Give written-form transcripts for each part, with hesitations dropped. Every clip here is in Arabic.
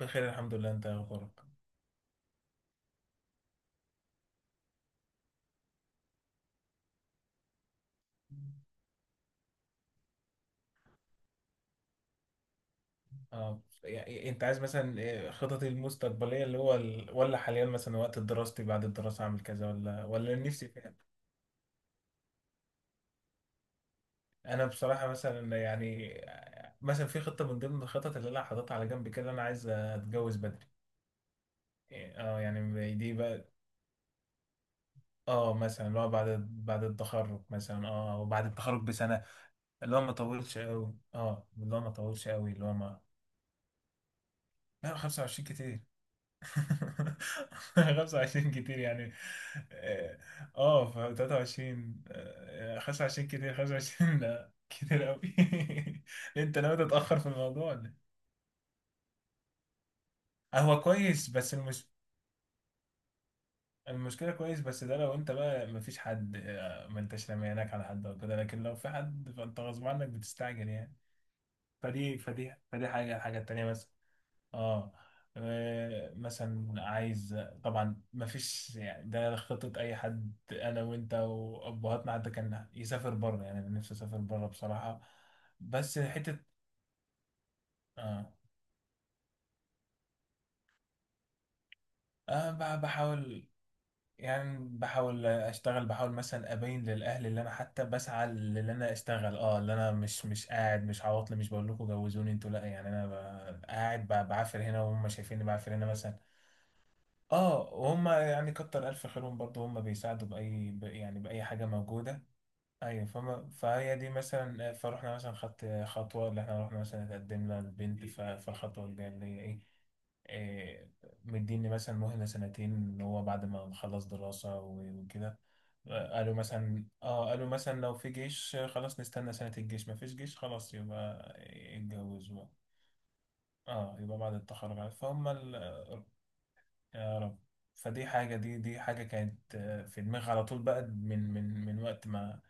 بخير الحمد لله. انت يا اخبارك؟ اه يعني انت عايز مثلا ايه خططي المستقبليه اللي هو ال... ولا حاليا مثلا وقت دراستي بعد الدراسه اعمل كذا ولا نفسي فين؟ انا بصراحه مثلا مثلا في خطه من ضمن الخطط اللي انا حاططها على جنب كده، انا عايز اتجوز بدري. اه يعني دي بقى اه مثلا اللي هو بعد التخرج، مثلا وبعد التخرج بسنه. اللي هو ما طولش قوي، اللي هو ما طولش قوي، اللي هو ما. لا، 25 كتير. 25 كتير يعني. اه ف 23 25 كتير، 25 ده كتير قوي. انت ناوي تتأخر في الموضوع ولا؟ إيه؟ هو كويس بس المش... المشكلة كويس، بس ده لو انت بقى مفيش حد، ما انتش رميانك على حد او كده، لكن لو في حد فانت غصب عنك بتستعجل يعني. فدي حاجة الحاجة التانية بس اه مثلا عايز، طبعا ما فيش يعني ده خطة اي حد، انا وانت وابهاتنا حتى كان يسافر بره. يعني انا نفسي اسافر بره بصراحة. بس حتة اه انا بحاول، يعني بحاول اشتغل، بحاول مثلا ابين للاهل اللي انا حتى بسعى، اللي انا اشتغل، اللي انا مش قاعد، مش عواطلي، مش بقول لكم جوزوني انتوا، لا يعني انا قاعد بعافر هنا وهم شايفيني بعافر هنا مثلا. اه وهم يعني كتر الف خيرهم برضو، هم بيساعدوا باي يعني باي حاجه موجوده. ايوه، فهي دي مثلا. فروحنا مثلا خدت خطوه اللي احنا رحنا مثلا اتقدمنا للبنت، فالخطوه الجايه اللي هي ايه؟ إيه، مديني مثلا مهله سنتين، اللي هو بعد ما نخلص دراسه وكده. قالوا مثلا قالوا مثلا لو في جيش خلاص نستنى سنه الجيش، ما فيش جيش خلاص يبقى اتجوز بقى. اه، يبقى بعد التخرج فهم. يا رب. فدي حاجة، دي حاجة كانت في دماغي على طول بقى، من وقت ما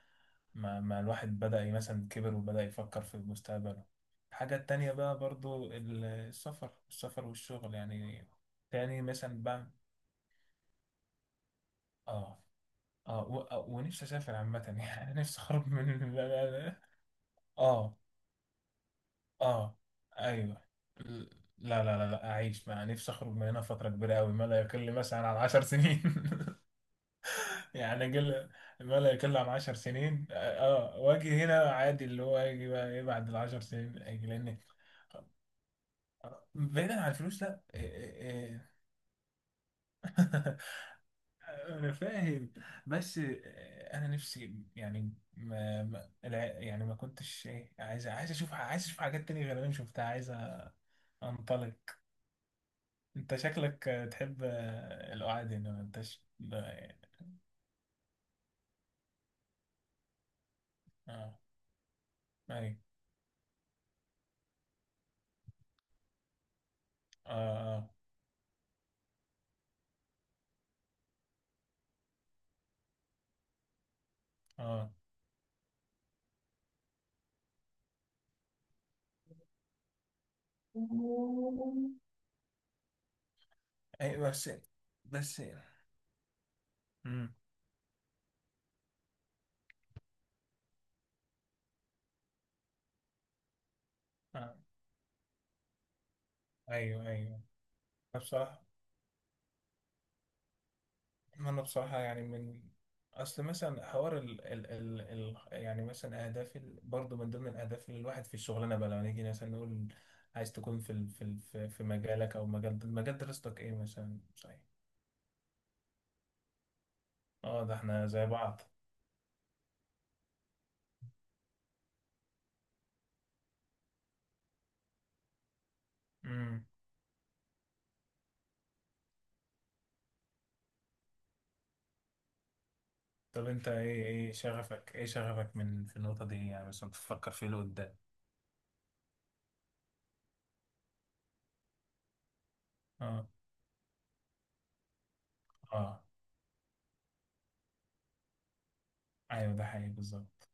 ما الواحد بدأ مثلا كبر وبدأ يفكر في مستقبله. الحاجة التانية بقى برضو السفر، والشغل يعني. تاني مثلا بقى اه ونفسي اسافر عامة. يعني نفسي اخرج من لا لا لا اه اه ايوه. لا، اعيش مع نفسي، اخرج من هنا فترة كبيرة قوي، ما لا يقل مثلا عن 10 سنين. يعني قل، ما لا يقل عن 10 سنين. واجي هنا عادي، اللي هو يجي بقى ايه بعد ال10 سنين اجي لان. بعيدا عن الفلوس، لا إيه. إيه. انا فاهم، بس انا نفسي يعني ما ما الع- يعني ما كنتش ايه عايز، عايز اشوف حاجات تانية غير اللي انا شفتها، عايز انطلق. انت شكلك تحب القعاد هنا، ما انتش؟ لا، يعني، اه اي. اه اه اه أيوة بس، بس امم آه. أيوه أيوه. أنا بصراحة، ما أنا بصراحة يعني، من أصل مثلا حوار ال يعني مثلا أهداف برضه من ضمن الأهداف اللي الواحد في الشغلانة بقى لما نيجي مثلا نقول عايز تكون في ال في ال في في مجالك، أو مجال دراستك إيه مثلا صحيح. أه، ده إحنا زي بعض. امم. طب أنت إيه، إيه شغفك من في النقطة دي يعني، مثلا بتفكر فيه لقدام؟ أه أه، أيوه ده حقيقي بالظبط.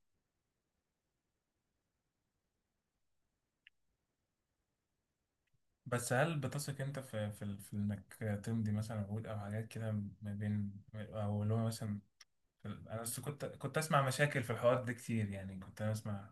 بس هل بتثق انت في انك تمضي مثلا عقود او حاجات كده، ما بين او اللي هو مثلا انا بس كنت اسمع مشاكل في الحوار ده كتير، يعني كنت اسمع.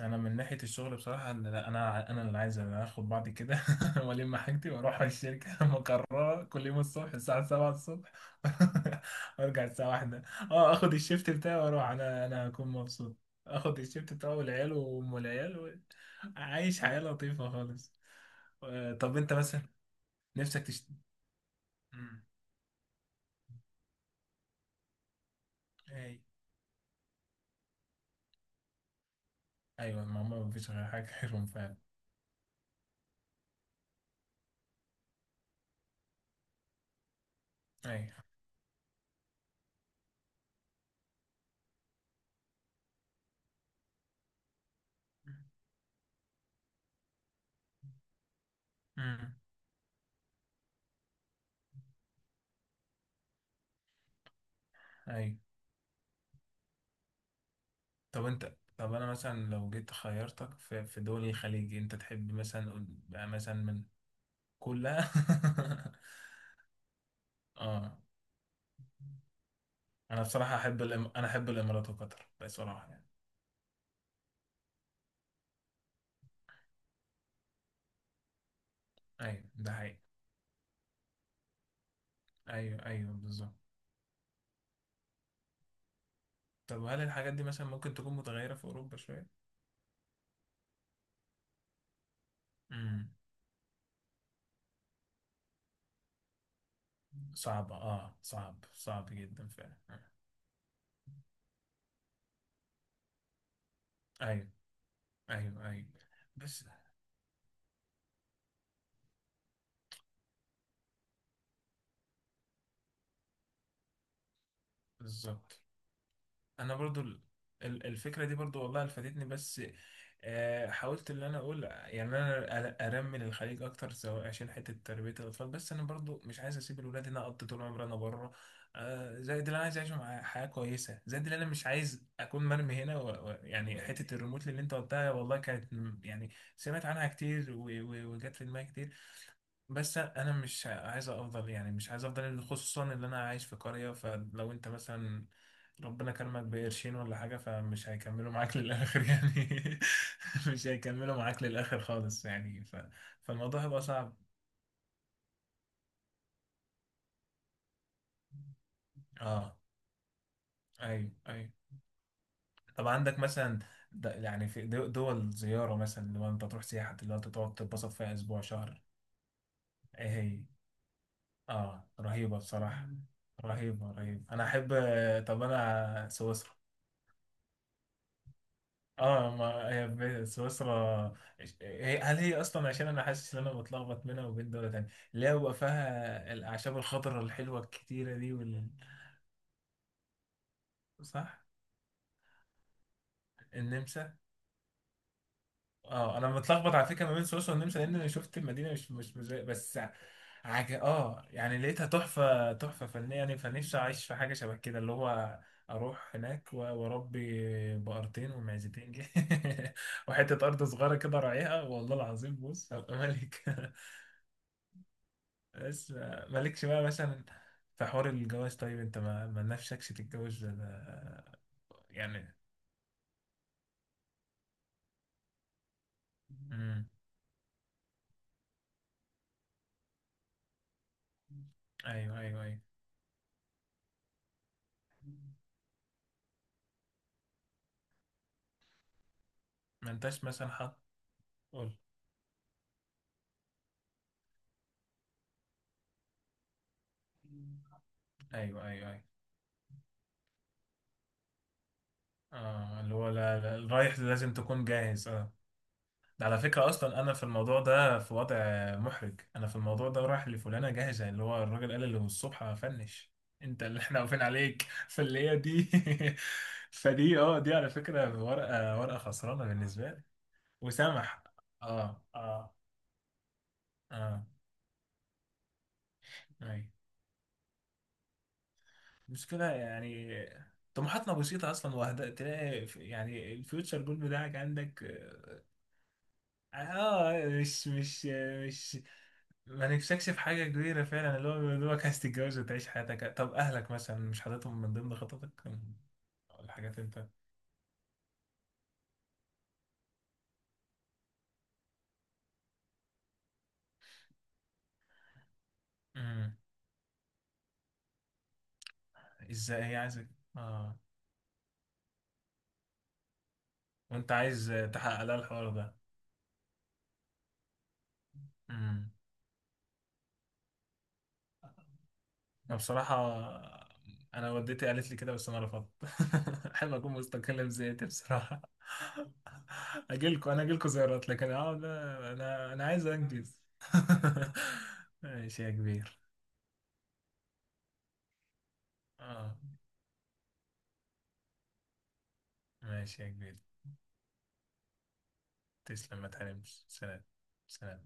انا من ناحيه الشغل بصراحه إن لا انا انا اللي عايز، أنا اخد بعضي كده والم حاجتي واروح على الشركه، مقرره كل يوم الصبح الساعه 7 الصبح وارجع الساعه 1. اه، اخد الشيفت بتاعي واروح، انا هكون مبسوط، اخد الشيفت بتاعي والعيال وام العيال و... عايش حياه لطيفه خالص. طب انت مثلا نفسك تشت... مم. أي. ايوه، ما ما فيش غير حاجه غيرهم فعلا. ايوه. مم. ايوه. طب انت، طب انا مثلا لو جيت خيرتك في دول الخليج انت تحب مثلا قول بقى مثلا من كلها. اه، انا بصراحه احب الإم... انا احب الامارات وقطر بصراحه يعني. ايوه ده حقيقي. ايوه ايوه بالظبط. طب هل الحاجات دي مثلا ممكن تكون متغيره في اوروبا شويه؟ امم. صعبه، اه، صعب جدا فعلا آه. ايوه ايوه ايوه. بس بالظبط. انا برضو الفكره دي برضو والله فادتني، بس حاولت ان انا اقول يعني انا ارمي للخليج اكتر، سواء عشان حته تربيه الاطفال، بس انا برضو مش عايز اسيب الولاد هنا اقضي طول عمري انا بره، زائد اللي انا عايز اعيش مع حياه كويسه، زائد اللي انا مش عايز اكون مرمي هنا و... و... يعني حته الريموت اللي انت قلتها، والله كانت يعني سمعت عنها كتير و... و... وجت في دماغي كتير، بس انا مش عايز افضل يعني، مش عايز افضل اللي، خصوصا ان انا عايش في قرية. فلو انت مثلا ربنا كرمك بقرشين ولا حاجة فمش هيكملوا معاك للآخر يعني. مش هيكملوا معاك للآخر خالص يعني ف... فالموضوع هيبقى صعب. اه. ايوه ايوه. طب عندك مثلا د... يعني في دول زيارة مثلا لو انت تروح سياحة اللي هو انت تقعد تتبسط فيها اسبوع شهر؟ ايه هي؟ اه رهيبة بصراحة. رهيبة انا احب. طب انا سويسرا. اه ما هي سويسرا، هي، هل هي اصلا، عشان انا حاسس ان انا بتلخبط بينها وبين دولة تانية، اللي هو بقى فيها الاعشاب الخضراء الحلوة الكتيرة دي وال... صح. النمسا. اه انا متلخبط على فكرة ما بين سويسرا والنمسا، لان انا شفت المدينة مش زي، بس عج... اه يعني لقيتها تحفة، تحفة فنية يعني، فنفسي اعيش في حاجة شبه كده، اللي هو اروح هناك واربي بقرتين ومعزتين كده، وحتة ارض صغيرة كده راعيها، والله العظيم بص هبقى ملك. بس مالكش بقى مثلا في حوار الجواز؟ طيب انت ما نفسكش تتجوز؟ ده ده، يعني. امم. ايوه ايوه. ما انتش مثلا حط؟ قول. ايوه ايوه. اه، اللي هو لا لا، رايح لازم تكون جاهز اه. ده على فكرة أصلا أنا في الموضوع ده في وضع محرج. أنا في الموضوع ده رايح لفلانة جاهزة، اللي هو الراجل قال اللي الصبح هفنش، أنت اللي إحنا واقفين عليك فاللي هي دي. فدي، اه، دي على فكرة ورقة خسرانة بالنسبة لي. وسمح. اه اه اه اي. المشكلة يعني طموحاتنا بسيطة أصلا. وهدا تلاقي في، يعني الفيوتشر جول بتاعك عندك. اه آه، مش مش مش ما نفسكش في حاجة كبيرة فعلا، اللي هو يا دوبك عايز تتجوز وتعيش حياتك. طب أهلك مثلا مش حاططهم من ضمن خططك، الحاجات أنت؟ امم. ازاي هي عايزك؟ اه. وأنت عايز تحقق لها الحوار ده؟ انا بصراحة، انا والدتي قالت لي كده، بس انا رفضت. احب اكون مستقل بذاتي بصراحة. اجي لكم، انا اجي لكم زيارات، لكن اقعد، انا عايز انجز. ماشي يا كبير. اه. ماشي يا كبير، تسلم ما تحرمش. سلام. سلام.